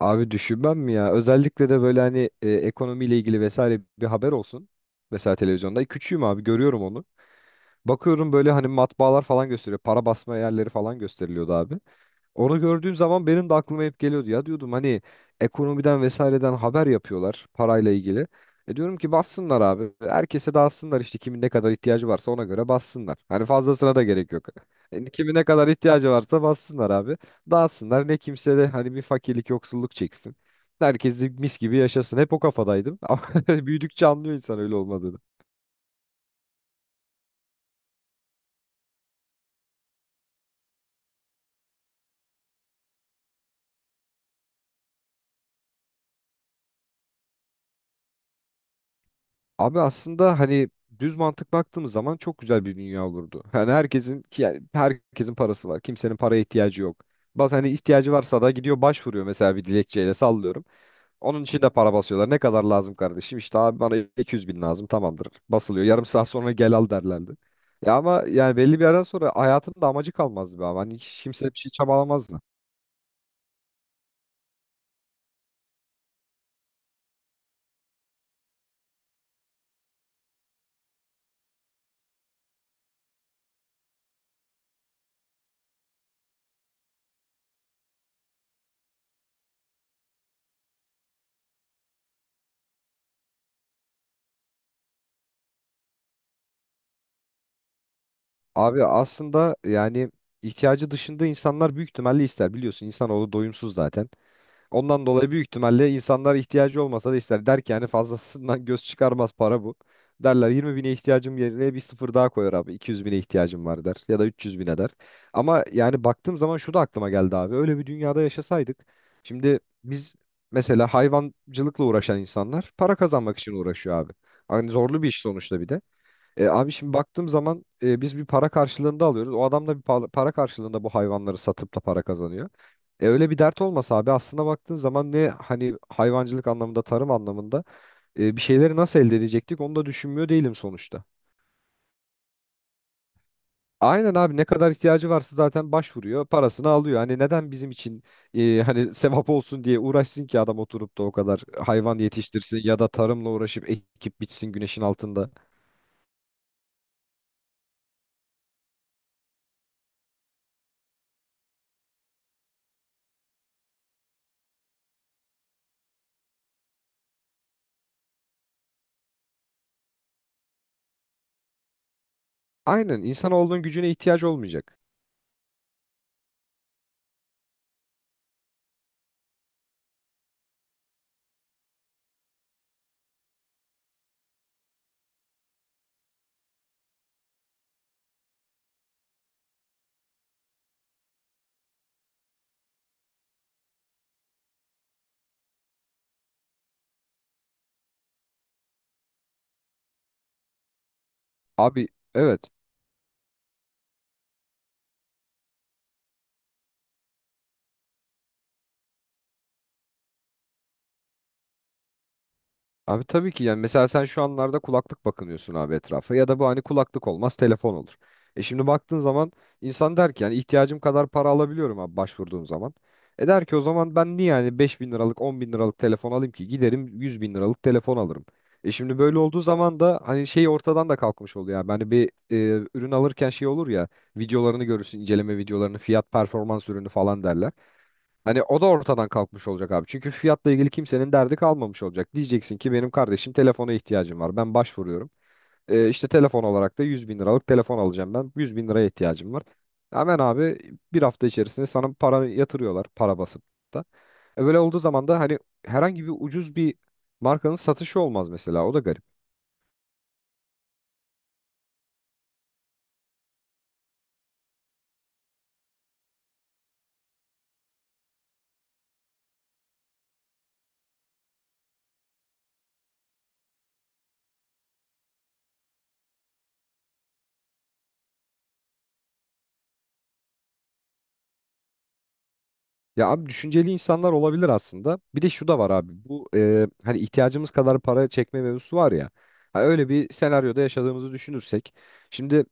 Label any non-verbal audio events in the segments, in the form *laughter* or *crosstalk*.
Abi düşünmem mi ya? Özellikle de böyle hani ekonomiyle ilgili vesaire bir haber olsun. Mesela televizyonda. Küçüğüm abi, görüyorum onu. Bakıyorum böyle hani matbaalar falan gösteriyor. Para basma yerleri falan gösteriliyordu abi. Onu gördüğüm zaman benim de aklıma hep geliyordu. Ya diyordum hani ekonomiden vesaireden haber yapıyorlar parayla ilgili. E diyorum ki bassınlar abi. Herkese dağıtsınlar işte, kimin ne kadar ihtiyacı varsa ona göre bassınlar. Hani fazlasına da gerek yok. Yani kimin ne kadar ihtiyacı varsa bassınlar abi. Dağıtsınlar. Ne kimse de hani bir fakirlik, yoksulluk çeksin. Herkes mis gibi yaşasın. Hep o kafadaydım. *laughs* Ama büyüdükçe anlıyor insan öyle olmadığını. Abi aslında hani düz mantık baktığımız zaman çok güzel bir dünya olurdu. Hani herkesin ki yani herkesin parası var. Kimsenin paraya ihtiyacı yok. Bazı hani ihtiyacı varsa da gidiyor başvuruyor mesela, bir dilekçeyle sallıyorum. Onun için de para basıyorlar. Ne kadar lazım kardeşim? İşte abi bana 200 bin lazım, tamamdır. Basılıyor. Yarım saat sonra gel al derlerdi. Ya ama yani belli bir yerden sonra hayatın da amacı kalmazdı be abi. Hani hiç kimse bir şey çabalamazdı. Abi aslında yani ihtiyacı dışında insanlar büyük ihtimalle ister. Biliyorsun insanoğlu doyumsuz zaten. Ondan dolayı büyük ihtimalle insanlar ihtiyacı olmasa da ister. Der ki yani fazlasından göz çıkarmaz para bu. Derler 20 bine ihtiyacım yerine bir sıfır daha koyar abi. 200 bine ihtiyacım var der. Ya da 300 bine der. Ama yani baktığım zaman şu da aklıma geldi abi. Öyle bir dünyada yaşasaydık. Şimdi biz mesela hayvancılıkla uğraşan insanlar para kazanmak için uğraşıyor abi. Hani zorlu bir iş sonuçta, bir de. Abi şimdi baktığım zaman biz bir para karşılığında alıyoruz. O adam da bir para karşılığında bu hayvanları satıp da para kazanıyor. Öyle bir dert olmasa abi, aslına baktığın zaman ne hani hayvancılık anlamında, tarım anlamında bir şeyleri nasıl elde edecektik onu da düşünmüyor değilim sonuçta. Aynen abi, ne kadar ihtiyacı varsa zaten başvuruyor, parasını alıyor. Hani neden bizim için hani sevap olsun diye uğraşsın ki adam oturup da o kadar hayvan yetiştirsin ya da tarımla uğraşıp ekip biçsin güneşin altında. Aynen, insanoğlunun gücüne ihtiyaç olmayacak. Abi, evet. Abi tabii ki, yani mesela sen şu anlarda kulaklık bakınıyorsun abi etrafa, ya da bu hani kulaklık olmaz telefon olur. E şimdi baktığın zaman insan der ki yani ihtiyacım kadar para alabiliyorum abi başvurduğum zaman. E der ki o zaman ben niye yani 5 bin liralık, 10 bin liralık telefon alayım ki, giderim 100 bin liralık telefon alırım. E şimdi böyle olduğu zaman da hani şey ortadan da kalkmış oluyor, yani hani bir ürün alırken şey olur ya, videolarını görürsün, inceleme videolarını, fiyat performans ürünü falan derler. Hani o da ortadan kalkmış olacak abi. Çünkü fiyatla ilgili kimsenin derdi kalmamış olacak. Diyeceksin ki benim kardeşim telefona ihtiyacım var. Ben başvuruyorum. İşte telefon olarak da 100 bin liralık telefon alacağım ben. 100 bin liraya ihtiyacım var. Hemen abi bir hafta içerisinde sana para yatırıyorlar. Para basıp da. E böyle olduğu zaman da hani herhangi bir ucuz bir markanın satışı olmaz mesela. O da garip. Ya abi düşünceli insanlar olabilir aslında. Bir de şu da var abi. Bu hani ihtiyacımız kadar para çekme mevzusu var ya. Ha, öyle bir senaryoda yaşadığımızı düşünürsek. Şimdi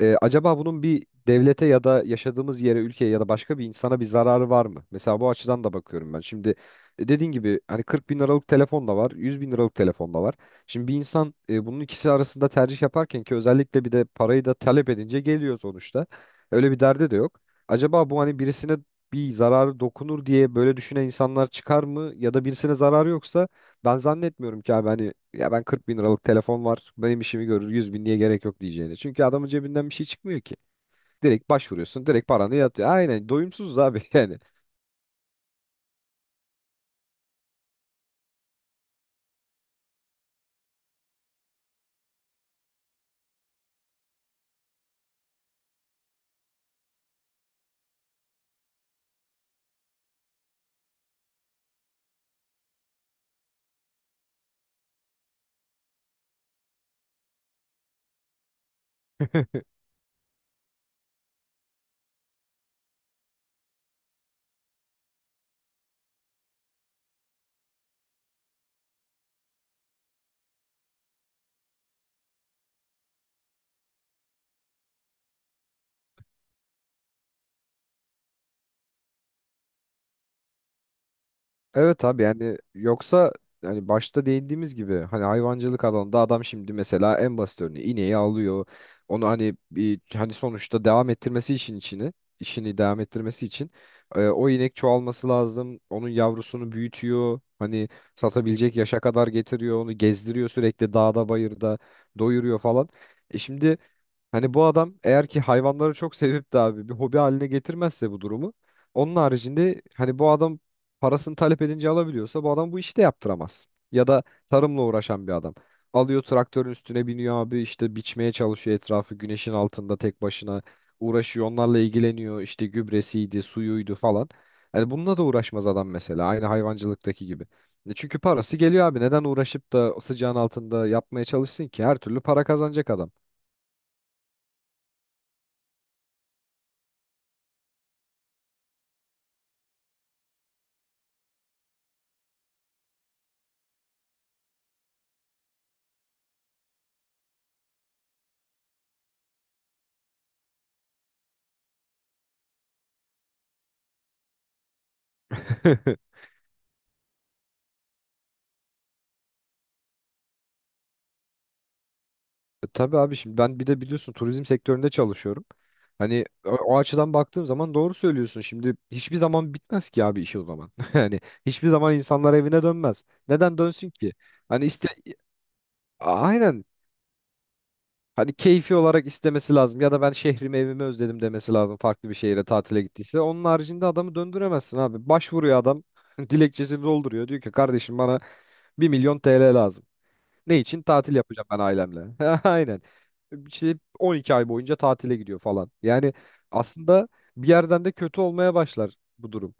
acaba bunun bir devlete ya da yaşadığımız yere, ülkeye ya da başka bir insana bir zararı var mı? Mesela bu açıdan da bakıyorum ben. Şimdi dediğin gibi hani 40 bin liralık telefon da var, 100 bin liralık telefon da var. Şimdi bir insan bunun ikisi arasında tercih yaparken, ki özellikle bir de parayı da talep edince geliyor sonuçta. Öyle bir derdi de yok. Acaba bu hani birisine bir zararı dokunur diye böyle düşünen insanlar çıkar mı? Ya da birisine zararı yoksa ben zannetmiyorum ki abi hani, ya ben 40 bin liralık telefon var benim işimi görür, 100 bin diye gerek yok diyeceğini. Çünkü adamın cebinden bir şey çıkmıyor ki. Direkt başvuruyorsun, direkt paranı yatıyor. Aynen, doyumsuz abi. *laughs* Yani. Evet abi, yani yoksa hani başta değindiğimiz gibi hani hayvancılık alanında adam, şimdi mesela en basit örneği, ineği alıyor. Onu hani bir hani sonuçta devam ettirmesi için içini, işini devam ettirmesi için o inek çoğalması lazım. Onun yavrusunu büyütüyor. Hani satabilecek yaşa kadar getiriyor. Onu gezdiriyor sürekli dağda bayırda doyuruyor falan. E şimdi Hani bu adam eğer ki hayvanları çok sevip de abi bir hobi haline getirmezse bu durumu, onun haricinde hani bu adam parasını talep edince alabiliyorsa bu adam bu işi de yaptıramaz. Ya da tarımla uğraşan bir adam. Alıyor traktörün üstüne biniyor abi, işte biçmeye çalışıyor etrafı, güneşin altında tek başına uğraşıyor, onlarla ilgileniyor işte, gübresiydi suyuydu falan. Hani bununla da uğraşmaz adam mesela, aynı hayvancılıktaki gibi. Çünkü parası geliyor abi, neden uğraşıp da sıcağın altında yapmaya çalışsın ki, her türlü para kazanacak adam. *laughs* Tabii abi, şimdi ben bir de biliyorsun turizm sektöründe çalışıyorum. Hani o açıdan baktığım zaman doğru söylüyorsun. Şimdi hiçbir zaman bitmez ki abi işi o zaman. *laughs* Yani hiçbir zaman insanlar evine dönmez. Neden dönsün ki? Hani iste, aynen, hani keyfi olarak istemesi lazım ya da ben şehrimi, evimi özledim demesi lazım farklı bir şehire tatile gittiyse. Onun haricinde adamı döndüremezsin abi. Başvuruyor adam *laughs* dilekçesini dolduruyor. Diyor ki kardeşim, bana 1.000.000 TL lazım. Ne için? Tatil yapacağım ben ailemle. *laughs* Aynen. İşte 12 ay boyunca tatile gidiyor falan. Yani aslında bir yerden de kötü olmaya başlar bu durum.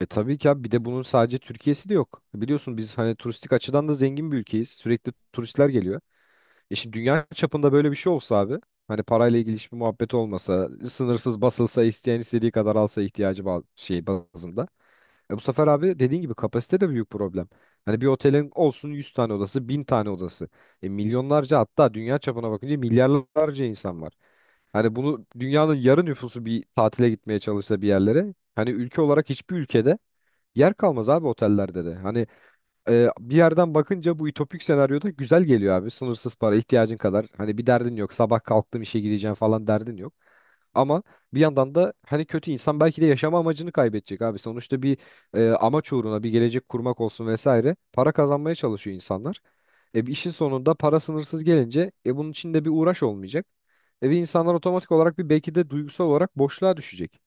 E tabii ki abi, bir de bunun sadece Türkiye'si de yok. Biliyorsun biz hani turistik açıdan da zengin bir ülkeyiz. Sürekli turistler geliyor. E şimdi dünya çapında böyle bir şey olsa abi. Hani parayla ilgili hiçbir muhabbet olmasa, sınırsız basılsa, isteyen istediği kadar alsa ihtiyacı şey bazında. E bu sefer abi dediğin gibi kapasite de büyük problem. Hani bir otelin olsun 100 tane odası, 1.000 tane odası. E, milyonlarca hatta dünya çapına bakınca milyarlarca insan var. Hani bunu dünyanın yarı nüfusu bir tatile gitmeye çalışsa bir yerlere. Hani ülke olarak hiçbir ülkede yer kalmaz abi otellerde de. Hani bir yerden bakınca bu ütopik senaryoda güzel geliyor abi. Sınırsız para, ihtiyacın kadar. Hani bir derdin yok. Sabah kalktım işe gideceğim falan derdin yok. Ama bir yandan da hani kötü, insan belki de yaşama amacını kaybedecek abi. Sonuçta bir amaç uğruna bir gelecek kurmak olsun vesaire, para kazanmaya çalışıyor insanlar. E, bir işin sonunda para sınırsız gelince bunun için de bir uğraş olmayacak. E, ve insanlar otomatik olarak, bir belki de duygusal olarak boşluğa düşecek.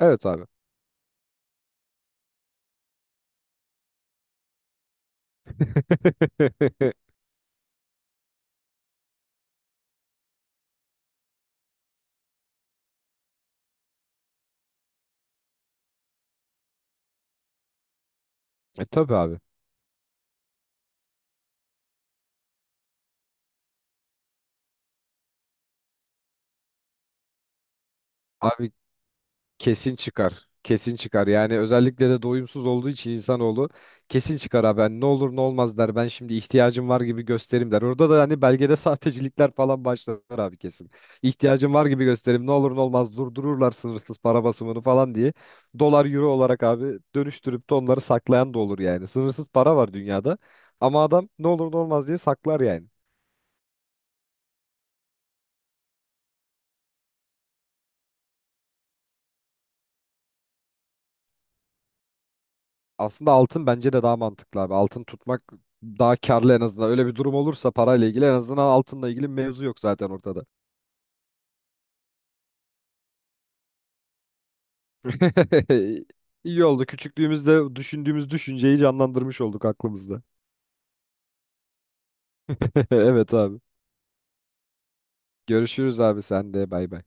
Evet abi. *laughs* E tabii abi. Abi, kesin çıkar. Kesin çıkar. Yani özellikle de doyumsuz olduğu için insanoğlu kesin çıkar abi. Hani ne olur ne olmaz der. Ben şimdi ihtiyacım var gibi gösterim der. Orada da hani belgede *laughs* sahtecilikler falan başlar abi, kesin. İhtiyacım var gibi gösterim. Ne olur ne olmaz durdururlar sınırsız para basımını falan diye. Dolar, euro olarak abi dönüştürüp de onları saklayan da olur yani. Sınırsız para var dünyada. Ama adam ne olur ne olmaz diye saklar yani. Aslında altın bence de daha mantıklı abi. Altın tutmak daha karlı en azından. Öyle bir durum olursa parayla ilgili, en azından altınla ilgili mevzu yok zaten ortada. *laughs* İyi oldu. Küçüklüğümüzde düşündüğümüz düşünceyi canlandırmış olduk aklımızda. *laughs* Evet abi. Görüşürüz abi, sen de. Bay bay.